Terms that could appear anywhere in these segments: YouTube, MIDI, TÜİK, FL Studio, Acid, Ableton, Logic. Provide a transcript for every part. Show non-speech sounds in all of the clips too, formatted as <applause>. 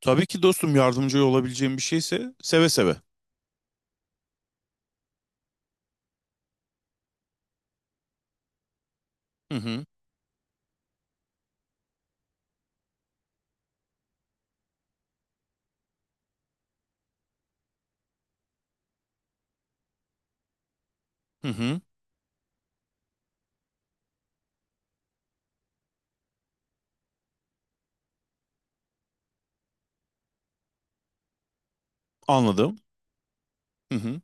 Tabii ki dostum yardımcı olabileceğim bir şeyse seve seve. Hı hı, hı hı, anladım. Hı hı.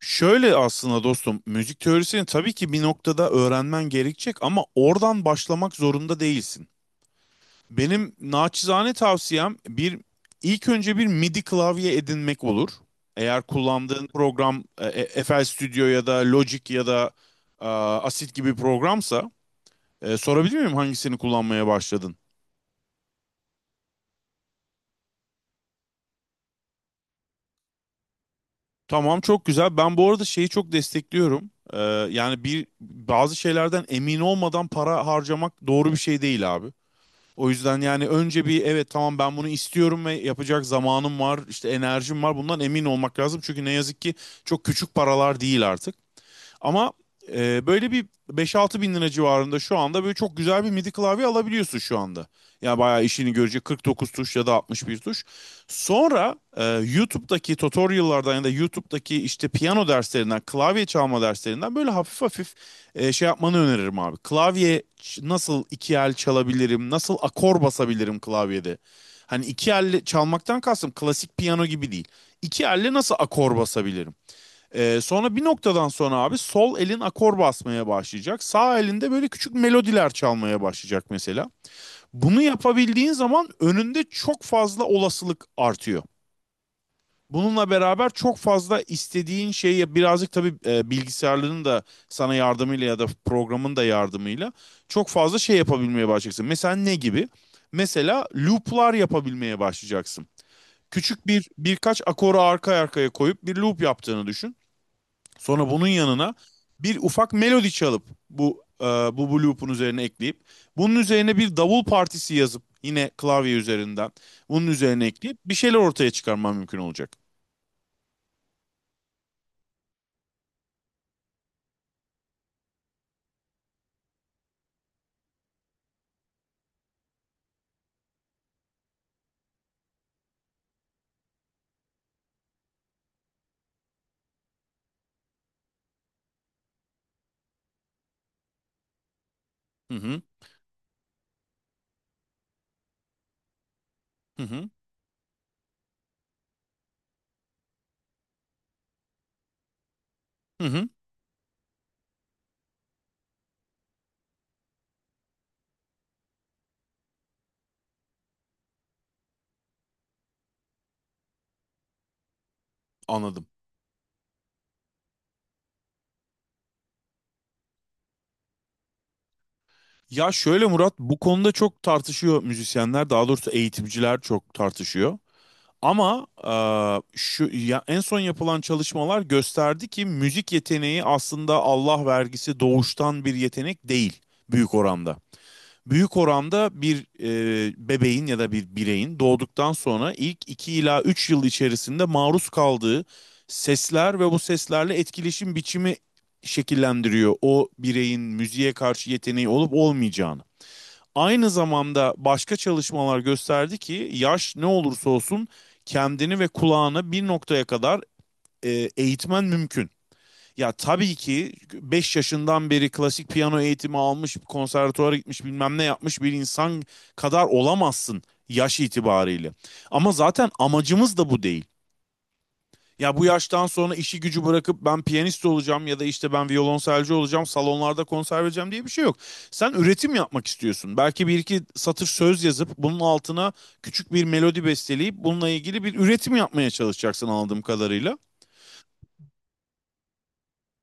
Şöyle aslında dostum müzik teorisini tabii ki bir noktada öğrenmen gerekecek ama oradan başlamak zorunda değilsin. Benim naçizane tavsiyem bir ilk önce bir MIDI klavye edinmek olur. Eğer kullandığın program FL Studio ya da Logic ya da Acid gibi programsa sorabilir miyim hangisini kullanmaya başladın? Tamam, çok güzel. Ben bu arada şeyi çok destekliyorum. Yani bir bazı şeylerden emin olmadan para harcamak doğru bir şey değil abi. O yüzden yani önce bir evet tamam ben bunu istiyorum ve yapacak zamanım var, işte enerjim var. Bundan emin olmak lazım. Çünkü ne yazık ki çok küçük paralar değil artık. Ama böyle bir beş-altı bin lira civarında şu anda böyle çok güzel bir MIDI klavye alabiliyorsun şu anda. Yani bayağı işini görecek 49 tuş ya da 61 tuş. Sonra YouTube'daki tutorial'lardan ya da YouTube'daki işte piyano derslerinden, klavye çalma derslerinden böyle hafif hafif şey yapmanı öneririm abi. Klavye nasıl iki el çalabilirim, nasıl akor basabilirim klavyede? Hani iki elle çalmaktan kastım klasik piyano gibi değil. İki elle nasıl akor basabilirim? Sonra bir noktadan sonra abi sol elin akor basmaya başlayacak. Sağ elinde böyle küçük melodiler çalmaya başlayacak mesela. Bunu yapabildiğin zaman önünde çok fazla olasılık artıyor. Bununla beraber çok fazla istediğin şeyi birazcık tabii bilgisayarların da sana yardımıyla ya da programın da yardımıyla çok fazla şey yapabilmeye başlayacaksın. Mesela ne gibi? Mesela loop'lar yapabilmeye başlayacaksın. Küçük bir birkaç akoru arka arkaya koyup bir loop yaptığını düşün. Sonra bunun yanına bir ufak melodi çalıp bu e, bu bu loop'un üzerine ekleyip bunun üzerine bir davul partisi yazıp yine klavye üzerinden bunun üzerine ekleyip bir şeyler ortaya çıkarmam mümkün olacak. Hı hı, hı hı, hı hı, anladım. Ya şöyle Murat, bu konuda çok tartışıyor müzisyenler, daha doğrusu eğitimciler çok tartışıyor. Ama şu ya en son yapılan çalışmalar gösterdi ki müzik yeteneği aslında Allah vergisi doğuştan bir yetenek değil büyük oranda. Büyük oranda bir bebeğin ya da bir bireyin doğduktan sonra ilk 2 ila 3 yıl içerisinde maruz kaldığı sesler ve bu seslerle etkileşim biçimi şekillendiriyor o bireyin müziğe karşı yeteneği olup olmayacağını. Aynı zamanda başka çalışmalar gösterdi ki yaş ne olursa olsun kendini ve kulağını bir noktaya kadar e, eğitmen mümkün. Ya tabii ki 5 yaşından beri klasik piyano eğitimi almış, konservatuara gitmiş, bilmem ne yapmış bir insan kadar olamazsın yaş itibariyle. Ama zaten amacımız da bu değil. Ya bu yaştan sonra işi gücü bırakıp ben piyanist olacağım ya da işte ben violonselci olacağım, salonlarda konser vereceğim diye bir şey yok. Sen üretim yapmak istiyorsun. Belki bir iki satır söz yazıp bunun altına küçük bir melodi besteleyip bununla ilgili bir üretim yapmaya çalışacaksın anladığım kadarıyla.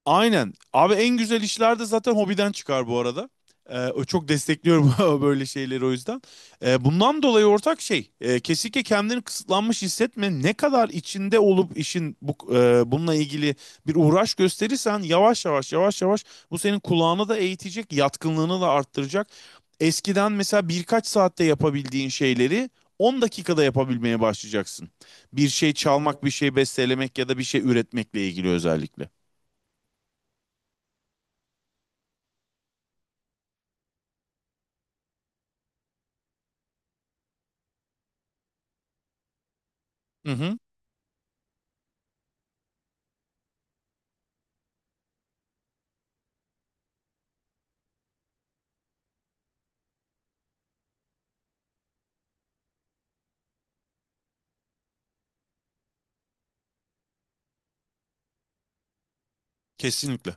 Aynen. Abi en güzel işler de zaten hobiden çıkar bu arada. O çok destekliyorum <laughs> böyle şeyleri o yüzden. Bundan dolayı ortak şey, kesinlikle kendini kısıtlanmış hissetme. Ne kadar içinde olup işin bununla ilgili bir uğraş gösterirsen, yavaş yavaş yavaş yavaş bu senin kulağını da eğitecek, yatkınlığını da arttıracak. Eskiden mesela birkaç saatte yapabildiğin şeyleri 10 dakikada yapabilmeye başlayacaksın. Bir şey çalmak, bir şey bestelemek ya da bir şey üretmekle ilgili özellikle. Hı hı. Kesinlikle.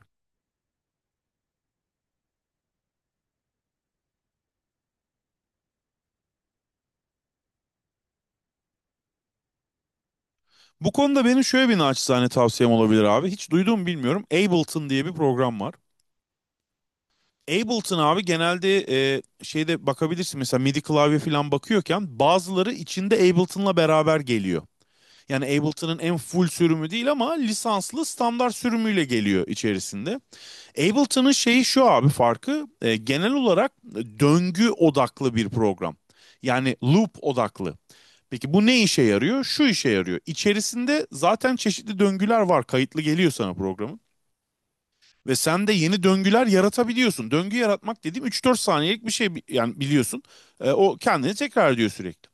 Bu konuda benim şöyle bir naçizane tavsiyem olabilir abi. Hiç duyduğumu bilmiyorum. Ableton diye bir program var. Ableton abi genelde şeyde bakabilirsin, mesela MIDI klavye falan bakıyorken bazıları içinde Ableton'la beraber geliyor. Yani Ableton'ın en full sürümü değil ama lisanslı standart sürümüyle geliyor içerisinde. Ableton'ın şeyi şu abi, farkı genel olarak döngü odaklı bir program. Yani loop odaklı. Peki bu ne işe yarıyor? Şu işe yarıyor. İçerisinde zaten çeşitli döngüler var. Kayıtlı geliyor sana programın. Ve sen de yeni döngüler yaratabiliyorsun. Döngü yaratmak dediğim 3-4 saniyelik bir şey yani, biliyorsun. O kendini tekrar ediyor sürekli.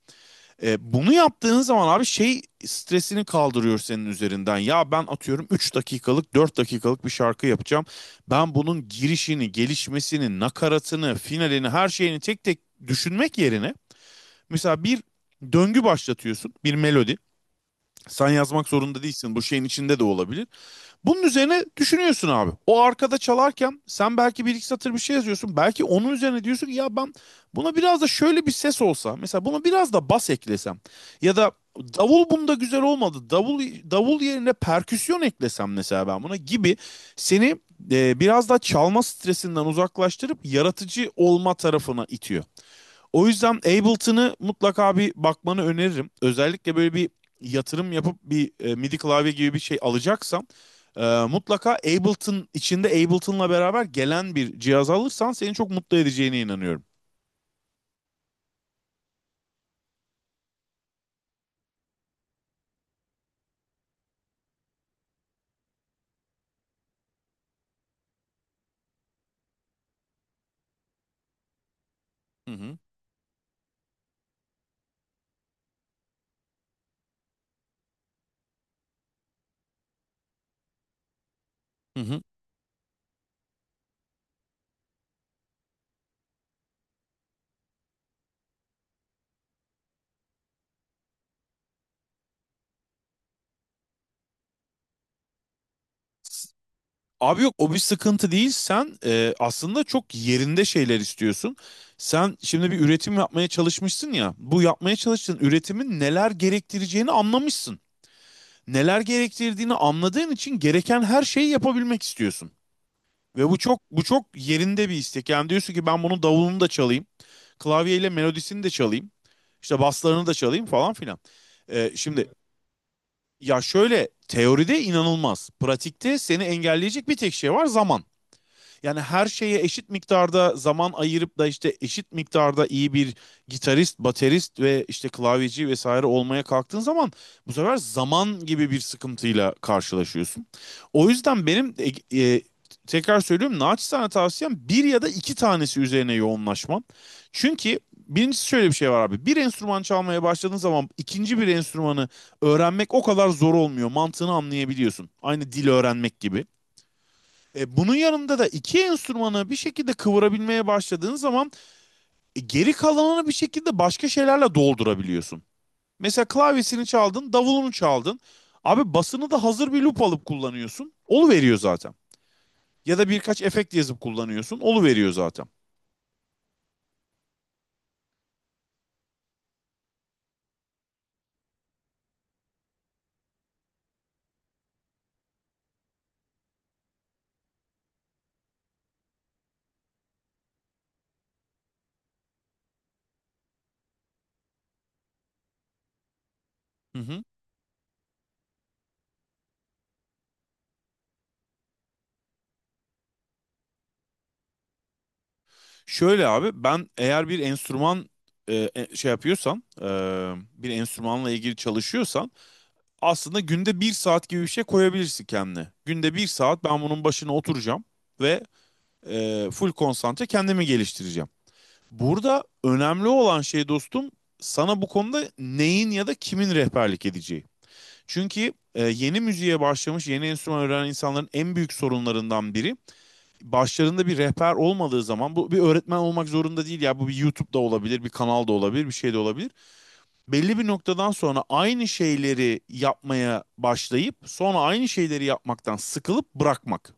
Bunu yaptığın zaman abi şey stresini kaldırıyor senin üzerinden. Ya ben atıyorum 3 dakikalık 4 dakikalık bir şarkı yapacağım. Ben bunun girişini, gelişmesini, nakaratını, finalini, her şeyini tek tek düşünmek yerine mesela bir döngü başlatıyorsun. Bir melodi. Sen yazmak zorunda değilsin. Bu şeyin içinde de olabilir. Bunun üzerine düşünüyorsun abi. O arkada çalarken sen belki bir iki satır bir şey yazıyorsun. Belki onun üzerine diyorsun ki ya ben buna biraz da şöyle bir ses olsa. Mesela buna biraz da bas eklesem. Ya da davul bunda güzel olmadı. Davul yerine perküsyon eklesem mesela ben buna gibi seni biraz daha çalma stresinden uzaklaştırıp yaratıcı olma tarafına itiyor. O yüzden Ableton'ı mutlaka bir bakmanı öneririm. Özellikle böyle bir yatırım yapıp bir MIDI klavye gibi bir şey alacaksan mutlaka Ableton içinde Ableton'la beraber gelen bir cihaz alırsan seni çok mutlu edeceğine inanıyorum. Hı hı. Hı hı. Abi yok, o bir sıkıntı değil. Sen aslında çok yerinde şeyler istiyorsun. Sen şimdi bir üretim yapmaya çalışmışsın ya. Bu yapmaya çalıştığın üretimin neler gerektireceğini anlamışsın. Neler gerektirdiğini anladığın için gereken her şeyi yapabilmek istiyorsun. Ve bu çok yerinde bir istek. Yani diyorsun ki ben bunun davulunu da çalayım. Klavyeyle melodisini de çalayım. İşte baslarını da çalayım falan filan. Şimdi ya şöyle teoride inanılmaz. Pratikte seni engelleyecek bir tek şey var, zaman. Yani her şeye eşit miktarda zaman ayırıp da işte eşit miktarda iyi bir gitarist, baterist ve işte klavyeci vesaire olmaya kalktığın zaman bu sefer zaman gibi bir sıkıntıyla karşılaşıyorsun. O yüzden benim e, e, tekrar söylüyorum, naçizane tavsiyem bir ya da iki tanesi üzerine yoğunlaşman. Çünkü birincisi şöyle bir şey var abi. Bir enstrüman çalmaya başladığın zaman ikinci bir enstrümanı öğrenmek o kadar zor olmuyor. Mantığını anlayabiliyorsun. Aynı dil öğrenmek gibi. Bunun yanında da iki enstrümanı bir şekilde kıvırabilmeye başladığın zaman geri kalanını bir şekilde başka şeylerle doldurabiliyorsun. Mesela klavyesini çaldın, davulunu çaldın. Abi basını da hazır bir loop alıp kullanıyorsun. Olu veriyor zaten. Ya da birkaç efekt yazıp kullanıyorsun. Olu veriyor zaten. Hı hı. Şöyle abi ben eğer bir enstrüman şey yapıyorsam, bir enstrümanla ilgili çalışıyorsam aslında günde bir saat gibi bir şey koyabilirsin kendine. Günde bir saat ben bunun başına oturacağım ve full konsantre kendimi geliştireceğim. Burada önemli olan şey dostum, sana bu konuda neyin ya da kimin rehberlik edeceği. Çünkü yeni müziğe başlamış, yeni enstrüman öğrenen insanların en büyük sorunlarından biri, başlarında bir rehber olmadığı zaman, bu bir öğretmen olmak zorunda değil, ya bu bir YouTube'da olabilir, bir kanal da olabilir, bir şey de olabilir, belli bir noktadan sonra aynı şeyleri yapmaya başlayıp sonra aynı şeyleri yapmaktan sıkılıp bırakmak.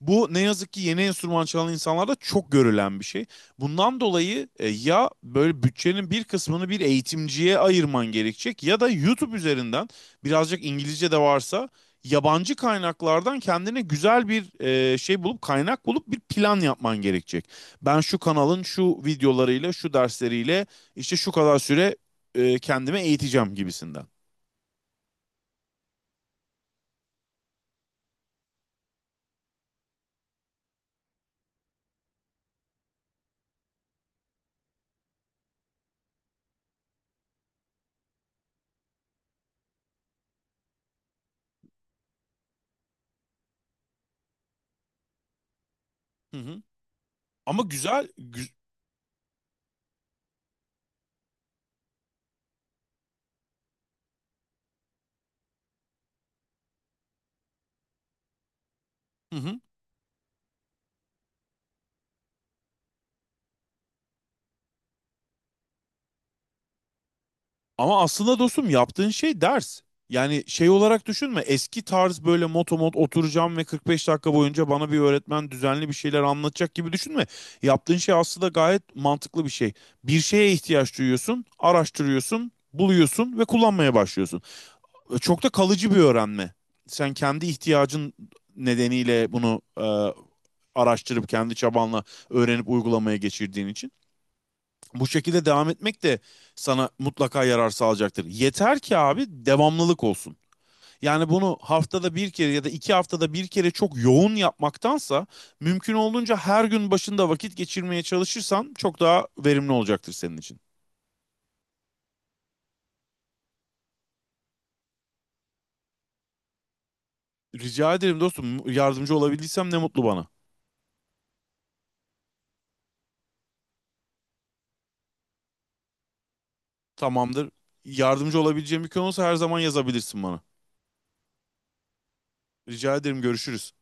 Bu ne yazık ki yeni enstrüman çalan insanlarda çok görülen bir şey. Bundan dolayı ya böyle bütçenin bir kısmını bir eğitimciye ayırman gerekecek ya da YouTube üzerinden birazcık İngilizce de varsa yabancı kaynaklardan kendine güzel bir şey bulup, kaynak bulup bir plan yapman gerekecek. Ben şu kanalın şu videolarıyla, şu dersleriyle işte şu kadar süre kendime eğiteceğim gibisinden. Hı hı. Ama güzel, hı hı. Ama aslında dostum yaptığın şey ders. Yani şey olarak düşünme, eski tarz böyle motomot oturacağım ve 45 dakika boyunca bana bir öğretmen düzenli bir şeyler anlatacak gibi düşünme. Yaptığın şey aslında gayet mantıklı bir şey. Bir şeye ihtiyaç duyuyorsun, araştırıyorsun, buluyorsun ve kullanmaya başlıyorsun. Çok da kalıcı bir öğrenme. Sen kendi ihtiyacın nedeniyle bunu araştırıp kendi çabanla öğrenip uygulamaya geçirdiğin için. Bu şekilde devam etmek de sana mutlaka yarar sağlayacaktır. Yeter ki abi devamlılık olsun. Yani bunu haftada bir kere ya da iki haftada bir kere çok yoğun yapmaktansa mümkün olduğunca her gün başında vakit geçirmeye çalışırsan çok daha verimli olacaktır senin için. Rica ederim dostum, yardımcı olabildiysem ne mutlu bana. Tamamdır. Yardımcı olabileceğim bir konu olsa her zaman yazabilirsin bana. Rica ederim, görüşürüz.